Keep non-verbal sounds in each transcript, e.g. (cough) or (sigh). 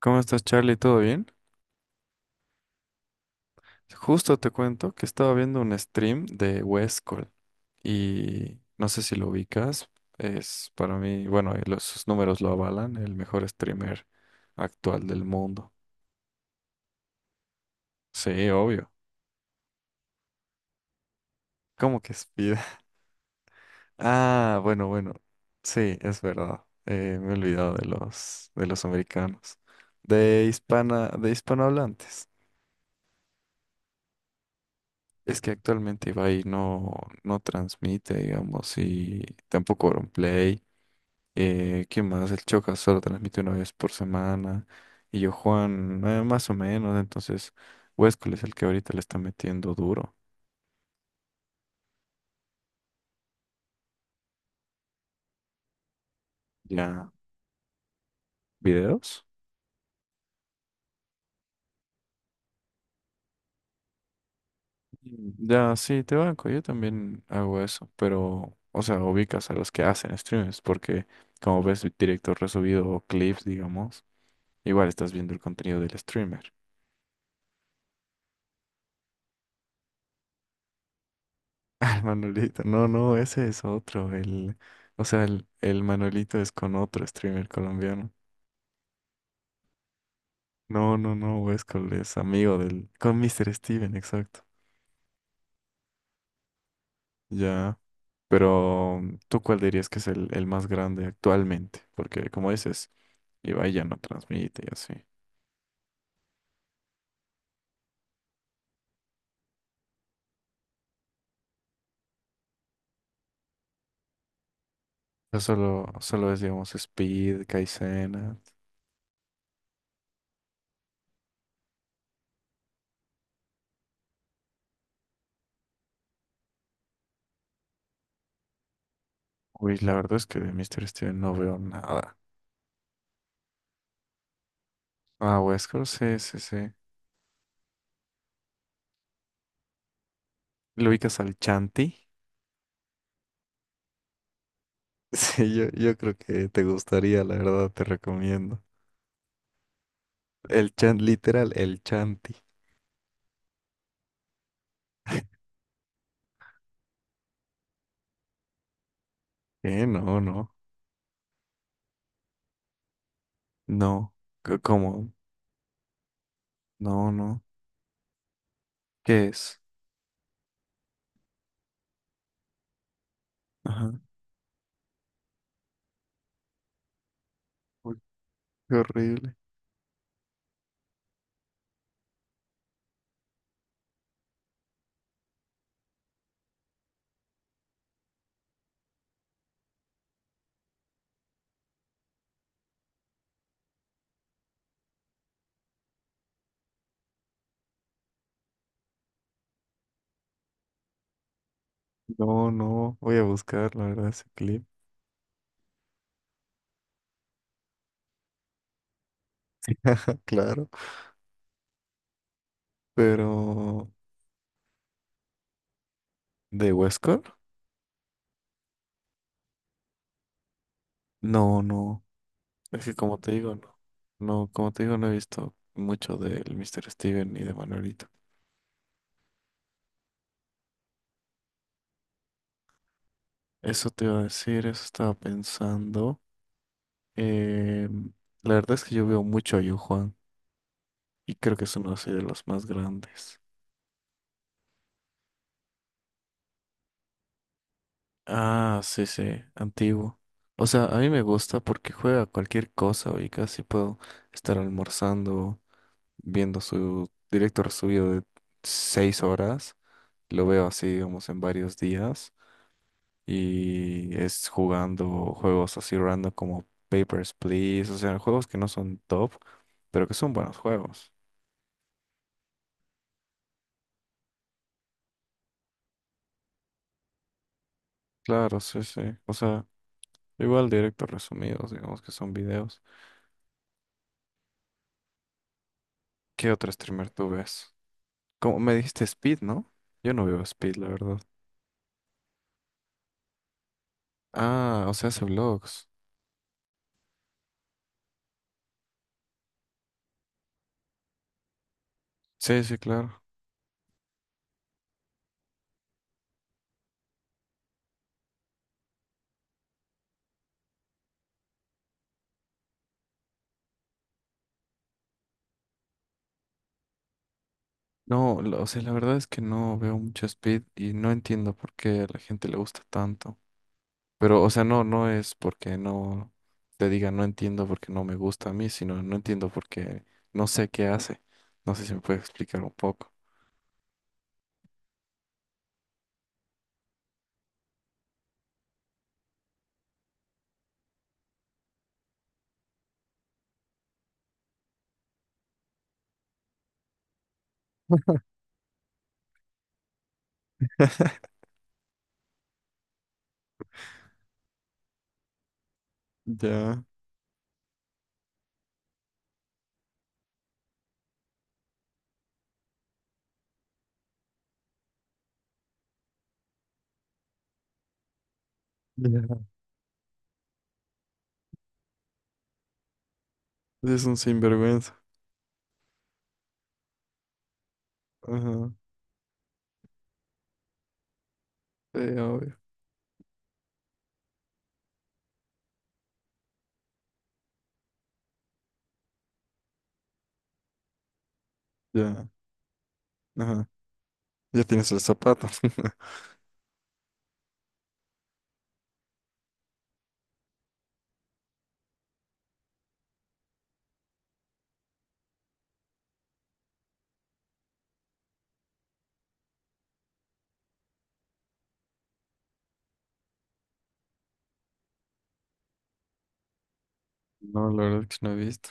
¿Cómo estás, Charlie? ¿Todo bien? Justo te cuento que estaba viendo un stream de Westcol y no sé si lo ubicas. Es para mí, bueno, y sus números lo avalan, el mejor streamer actual del mundo. Sí, obvio. ¿Cómo que Speed? (laughs) Ah, bueno, bueno. Sí, es verdad. Me he olvidado de de los americanos. De hispanohablantes. Es que actualmente Ibai no, no transmite, digamos, y tampoco Play. ¿Qué más? El Choca solo transmite una vez por semana. Y yo, Juan, más o menos. Entonces, Huesco es el que ahorita le está metiendo duro. Ya, videos. Ya, sí, te banco. Yo también hago eso. Pero, o sea, ubicas a los que hacen streams. Porque, como ves, directo resubido o clips, digamos, igual estás viendo el contenido del streamer. (laughs) Ah, el Manolito. No, no, ese es otro. El, o sea, el Manolito es con otro streamer colombiano. No, no, no, Westcol es amigo del... Con Mr. Steven, exacto. Ya. Pero, ¿tú cuál dirías que es el más grande actualmente? Porque, como dices, Ibai ya no transmite y así. Ya solo, solo es, digamos, Speed, Kaizenat. Uy, la verdad es que de Mr. Steven no veo nada. Ah, Westcol, sí, sí, sí. ¿Lo ubicas al Chanti? (laughs) Sí, yo creo que te gustaría, la verdad, te recomiendo. El Chant, literal, el Chanti. Eh, no, no, no. C- ¿Cómo? No, no. ¿Qué es? Ajá. Uy, qué horrible. No, no. Voy a buscar, la verdad, ese clip. (laughs) Claro. Pero. ¿De Huescar? No, no. Es que como te digo, no. No, como te digo, no he visto mucho del Mr. Steven ni de Manuelito. Eso te iba a decir, eso estaba pensando. Em, la verdad es que yo veo mucho a Yu Juan y creo que es uno así de los más grandes. Ah, sí, sí, antiguo. O sea, a mí me gusta porque juega cualquier cosa y casi puedo estar almorzando, viendo su directo resubido de 6 horas. Lo veo así, digamos, en varios días. Y es jugando juegos así random como Papers, Please. O sea, juegos que no son top, pero que son buenos juegos. Claro, sí, sí. O sea, igual directos resumidos, digamos que son videos. ¿Qué otro streamer tú ves? Como me dijiste Speed, ¿no? Yo no veo Speed, la verdad. Ah, o sea, hace vlogs. Sí, sí, claro. No, lo- o sea, la verdad es que no veo mucho Speed y no entiendo por qué a la gente le gusta tanto. Pero, o sea, no, no es porque no te diga no entiendo porque no me gusta a mí, sino no entiendo porque no sé qué hace. No sé si me puede explicar un poco. Ya, ya. Es un sinvergüenza. Ajá. Sí, obvio. Ya. Ajá. Ya tienes el zapato. (laughs) No, la verdad es que no he visto.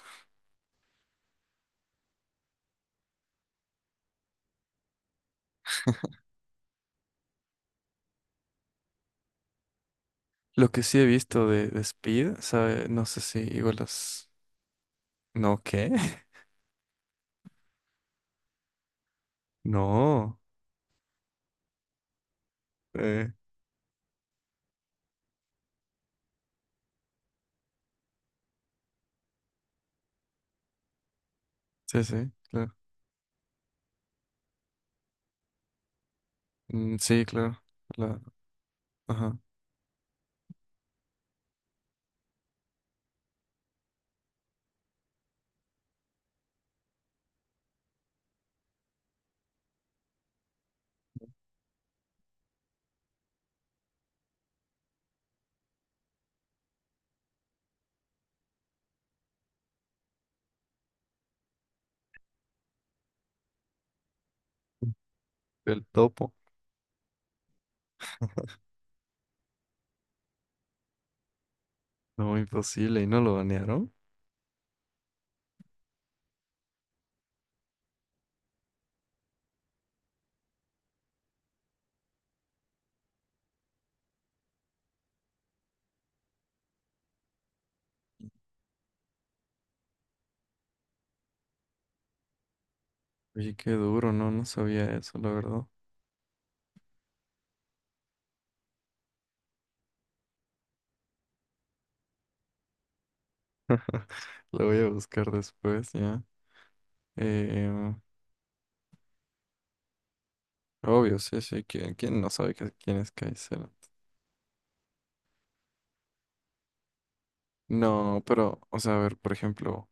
Lo que sí he visto de Speed, sabe, no sé si igual las... No, ¿qué? (laughs) No. Eh, sí, sí, claro. Mm, sí, claro. La, ajá. El topo. No, imposible. ¿Y no lo banearon? Oye, qué duro, no, no sabía eso, la verdad. Lo voy a buscar después, ya. Eh, obvio, sí, sí. ¿Quién, quién no sabe que- quién es Kaiser? No, pero, o sea, a ver, por ejemplo.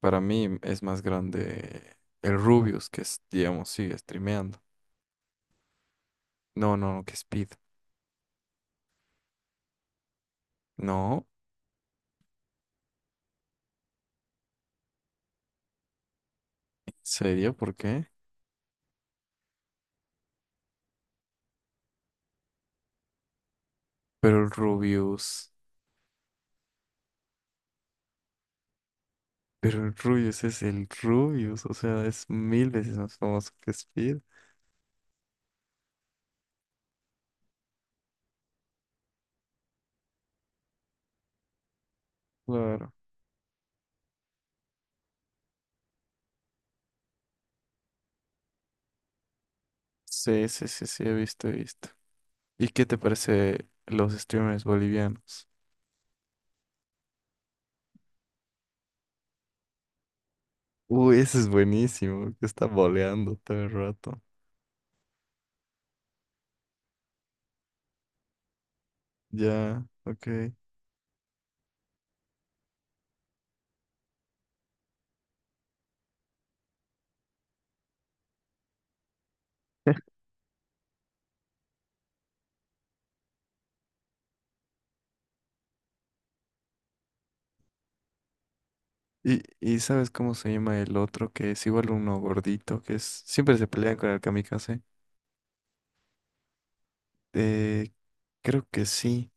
Para mí es más grande el Rubius, que es, digamos, sigue streameando. No, no, no, que Speed. No, ¿en serio? ¿Por qué? Pero el Rubius, pero el Rubius es el Rubius, o sea, es mil veces más famoso que Speed. Claro. Sí, sí, sí, sí, he visto, he visto. ¿Y qué te parece los streamers bolivianos? Uy, ese es buenísimo, que está boleando todo el rato. Ya, ok. (laughs) Y, y ¿sabes cómo se llama el otro? Que es igual uno gordito, que es, siempre se pelean con el kamikaze. Eh, creo que sí,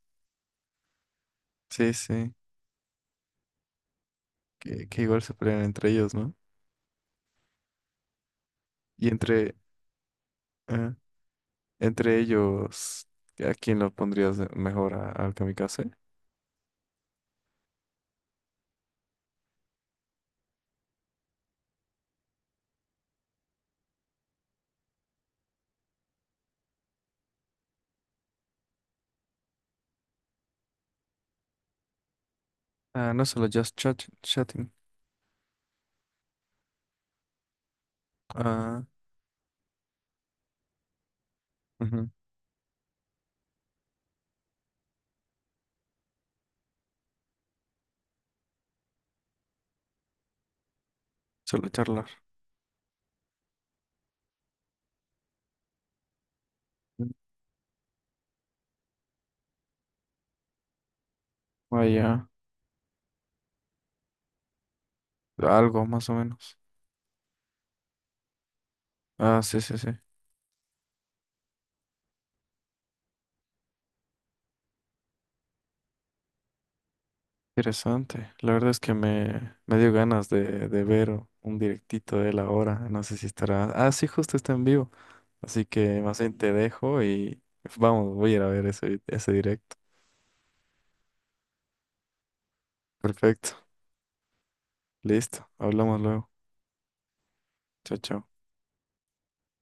sí, sí, que igual se pelean entre ellos, ¿no? Y entre, ah, entre ellos, ¿a quién lo pondrías de- mejor a- al kamikaze? Ah, no solo Just Chat- Chatting. Ah, ujú, Solo charlar. Mm, Vaya, algo más o menos. Ah, sí, sí, sí. Interesante. La verdad es que me dio ganas de ver un directito de él ahora. No sé si estará. Ah, sí, justo está en vivo. Así que más bien te dejo y vamos, voy a ir a ver ese directo. Perfecto. Listo. Hablamos luego. Chao, chao.